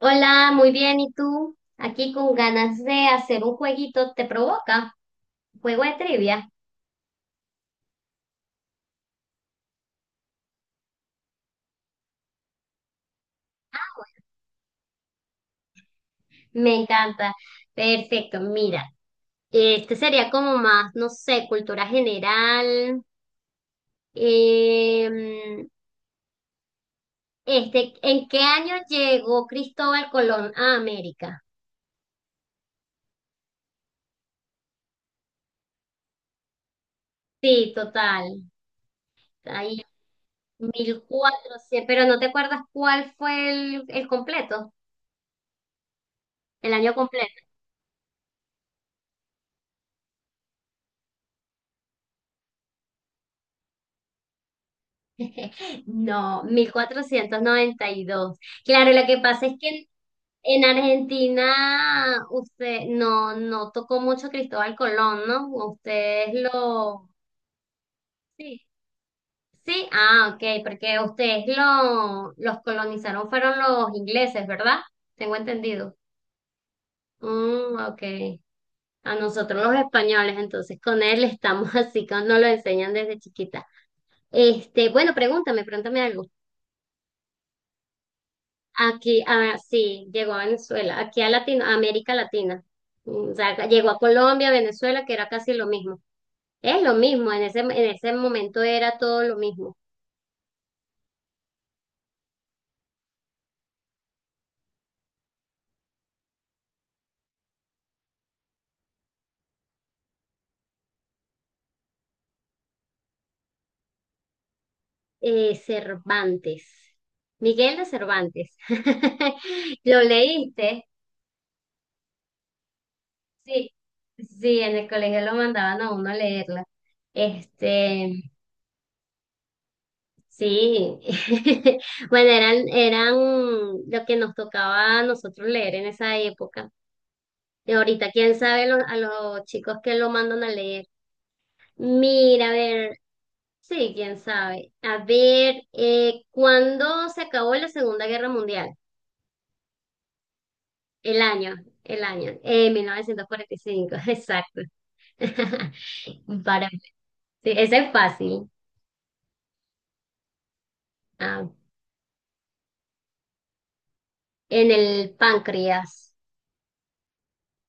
Hola, muy bien. ¿Y tú? Aquí con ganas de hacer un jueguito, ¿te provoca? Juego de trivia. Ah, bueno. Me encanta. Perfecto, mira. Este sería como más, no sé, cultura general. Em, este, ¿en qué año llegó Cristóbal Colón a América? Sí, total. Ahí, 1400, pero no te acuerdas cuál fue el completo, el año completo. No, 1492. Claro, lo que pasa es que en Argentina usted no, no tocó mucho Cristóbal Colón, ¿no? Ustedes lo. Sí. Sí, ah, ok, porque ustedes los colonizaron fueron los ingleses, ¿verdad? Tengo entendido. Mm, ok. A nosotros los españoles, entonces con él estamos así, nos lo enseñan desde chiquita. Este, bueno, pregúntame, pregúntame algo. Aquí, ah, sí, llegó a Venezuela, aquí a América Latina. O sea, llegó a Colombia, Venezuela, que era casi lo mismo. Es lo mismo, en ese momento era todo lo mismo. Cervantes, Miguel de Cervantes. ¿Lo leíste? Sí, sí, en el colegio lo mandaban a uno a leerla. Este, sí. Bueno, eran lo que nos tocaba a nosotros leer en esa época. Y ahorita, quién sabe a los chicos que lo mandan a leer. Mira, a ver, sí, quién sabe. A ver, ¿cuándo se acabó la Segunda Guerra Mundial? El año, el año, 1945 exacto. Para, sí, ese es fácil. Ah, en el páncreas.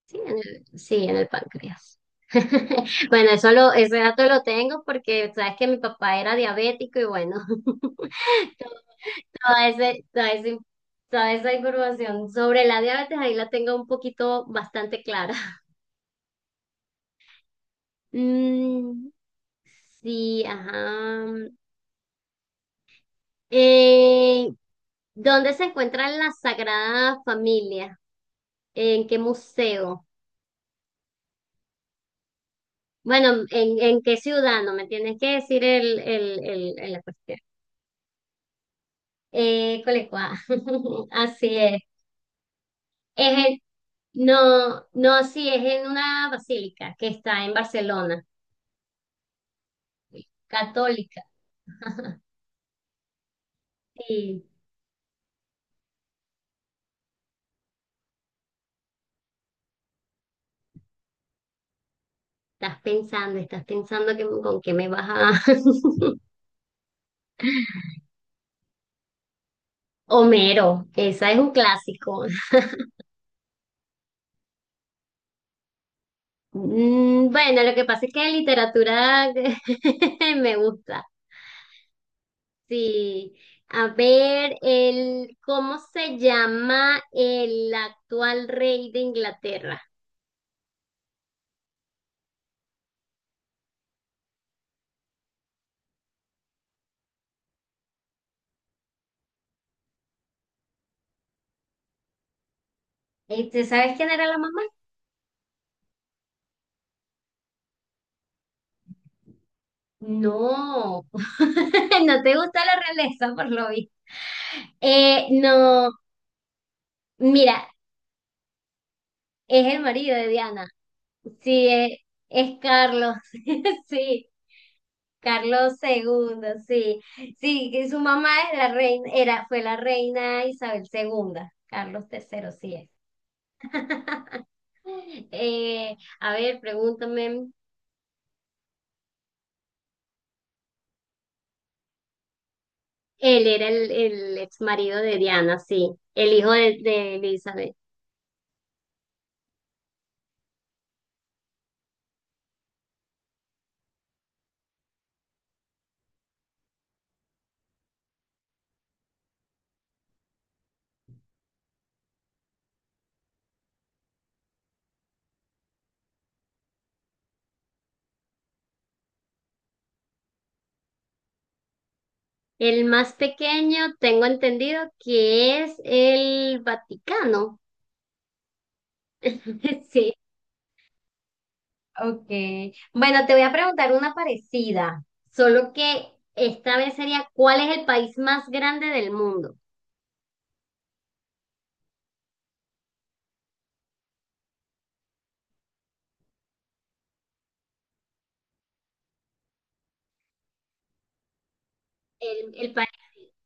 Sí, en el páncreas. Bueno, ese dato lo tengo porque sabes que mi papá era diabético y bueno. Toda, ese- toda, ese- toda esa información sobre la diabetes, ahí la tengo un poquito bastante clara. Mm, sí, ajá. Eh, ¿Dónde se encuentra la Sagrada Familia? ¿En qué museo? Bueno, ¿en qué ciudad? No me tienes que decir la cuestión. Colecua. Así es. Es en- no, no, sí, es en una basílica que está en Barcelona. Católica. Sí, estás pensando que, con qué me vas a. Homero, esa es un clásico. Bueno, lo que pasa es que literatura me gusta. Sí. A ver, ¿cómo se llama el actual rey de Inglaterra? Este, ¿sabes quién era la mamá? No, no te gusta la realeza, por lo visto. No, mira, es el marido de Diana. Sí, es Carlos. Sí, Carlos II, sí. Sí, que su mamá es la reina, era, fue la reina Isabel II. Carlos III, sí es. Eh, a ver, pregúntame. Él era el ex marido de Diana, sí. El hijo de Elizabeth. El más pequeño, tengo entendido que es el Vaticano. sí. Ok. Bueno, te voy a preguntar una parecida, solo que esta vez sería, ¿cuál es el país más grande del mundo? El país,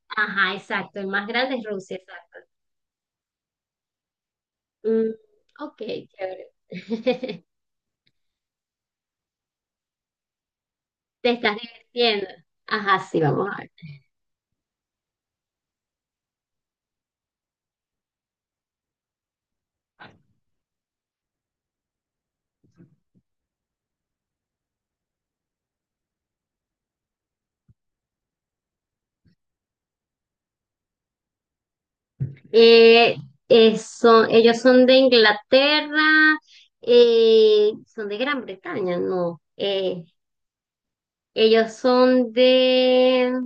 ajá, exacto, el más grande es Rusia, exacto. Mm, ok, chévere. Te estás divirtiendo. Ajá, sí, vamos a ver. Eh, Ellos son de Inglaterra, son de Gran Bretaña, no. Ellos son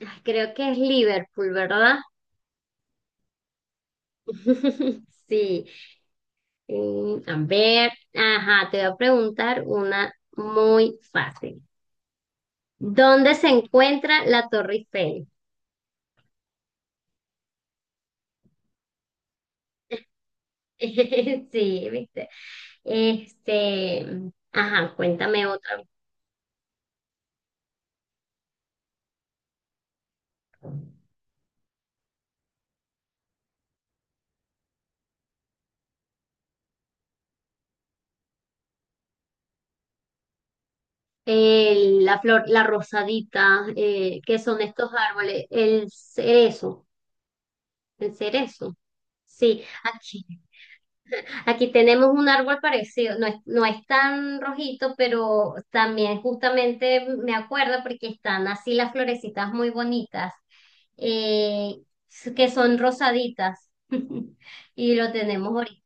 ay, creo que es Liverpool, ¿verdad? Sí, a ver, ajá, te voy a preguntar una muy fácil. ¿Dónde se encuentra la Torre Eiffel? Sí, viste. Este, ajá, cuéntame otra. La flor, la rosadita, ¿qué son estos árboles? El cerezo, el cerezo. Sí, aquí. Aquí tenemos un árbol parecido, no es tan rojito, pero también justamente me acuerdo porque están así las florecitas muy bonitas, eh, que son rosaditas. Y lo tenemos ahorita.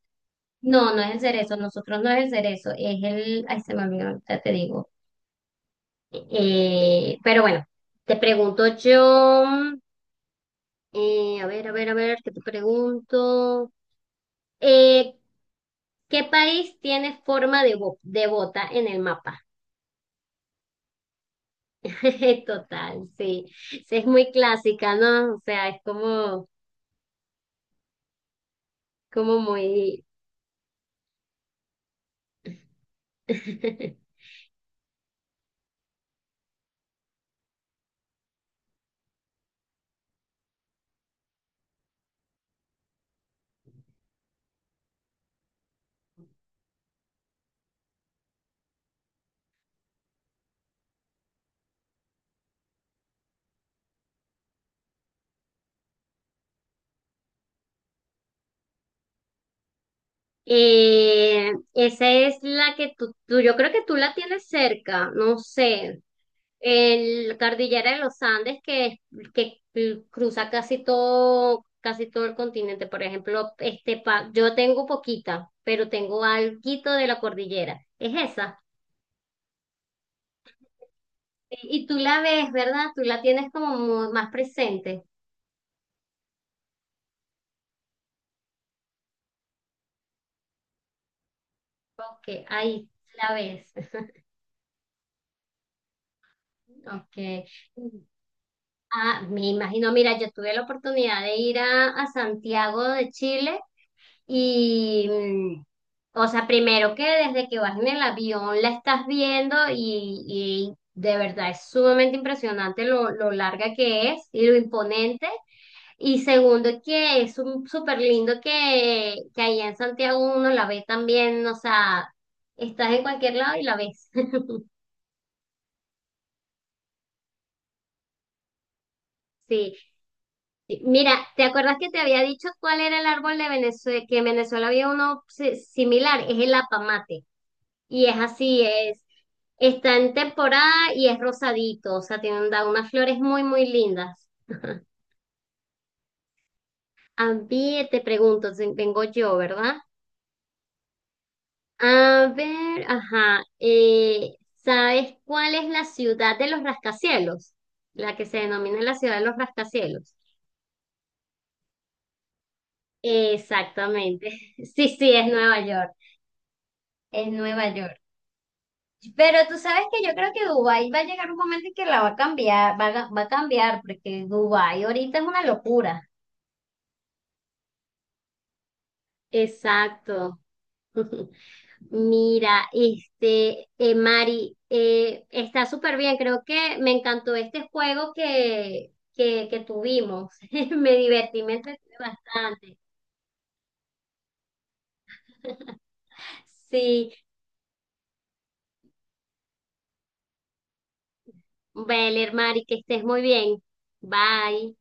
No, no es el cerezo, nosotros no es el cerezo, ay, se me olvidó, ahorita te digo. Pero bueno, te pregunto yo, a ver, a ver, a ver, ¿qué te pregunto? Eh, ¿Qué país tiene forma de bota en el mapa? Total, sí. Sí, es muy clásica, ¿no? O sea, es como muy. Esa es la que yo creo que tú la tienes cerca, no sé. El Cordillera de los Andes que cruza casi todo el continente. Por ejemplo, este yo tengo poquita, pero tengo alguito de la cordillera. Es esa. Y tú la ves, ¿verdad? Tú la tienes como más presente. Ok, ahí la ves. Ok. Ah, me imagino, mira, yo tuve la oportunidad de ir a Santiago de Chile y, o sea, primero que desde que vas en el avión la estás viendo y de verdad es sumamente impresionante lo larga que es y lo imponente. Y segundo que es un súper lindo que allá en Santiago uno la ve también, o sea, estás en cualquier lado y la ves. Sí. Sí, mira, ¿te acuerdas que te había dicho cuál era el árbol de Venezuela? Que en Venezuela había uno similar, es el apamate. Y es así, está en temporada y es rosadito, o sea, tiene da unas flores muy, muy lindas. A ver, te pregunto, si vengo yo, ¿verdad? A ver, ajá, ¿sabes cuál es la ciudad de los rascacielos? La que se denomina la ciudad de los rascacielos. Exactamente. Sí, sí, es Nueva York. Es Nueva York. Pero tú sabes que yo creo que Dubái va a llegar un momento en que la va a cambiar, va a cambiar, porque Dubái ahorita es una locura. Exacto. Mira, este, Mari, está súper bien. Creo que me encantó este juego que tuvimos. Me divertí, me entretuve bastante. Sí, Beler, Mari, que estés muy bien. Bye.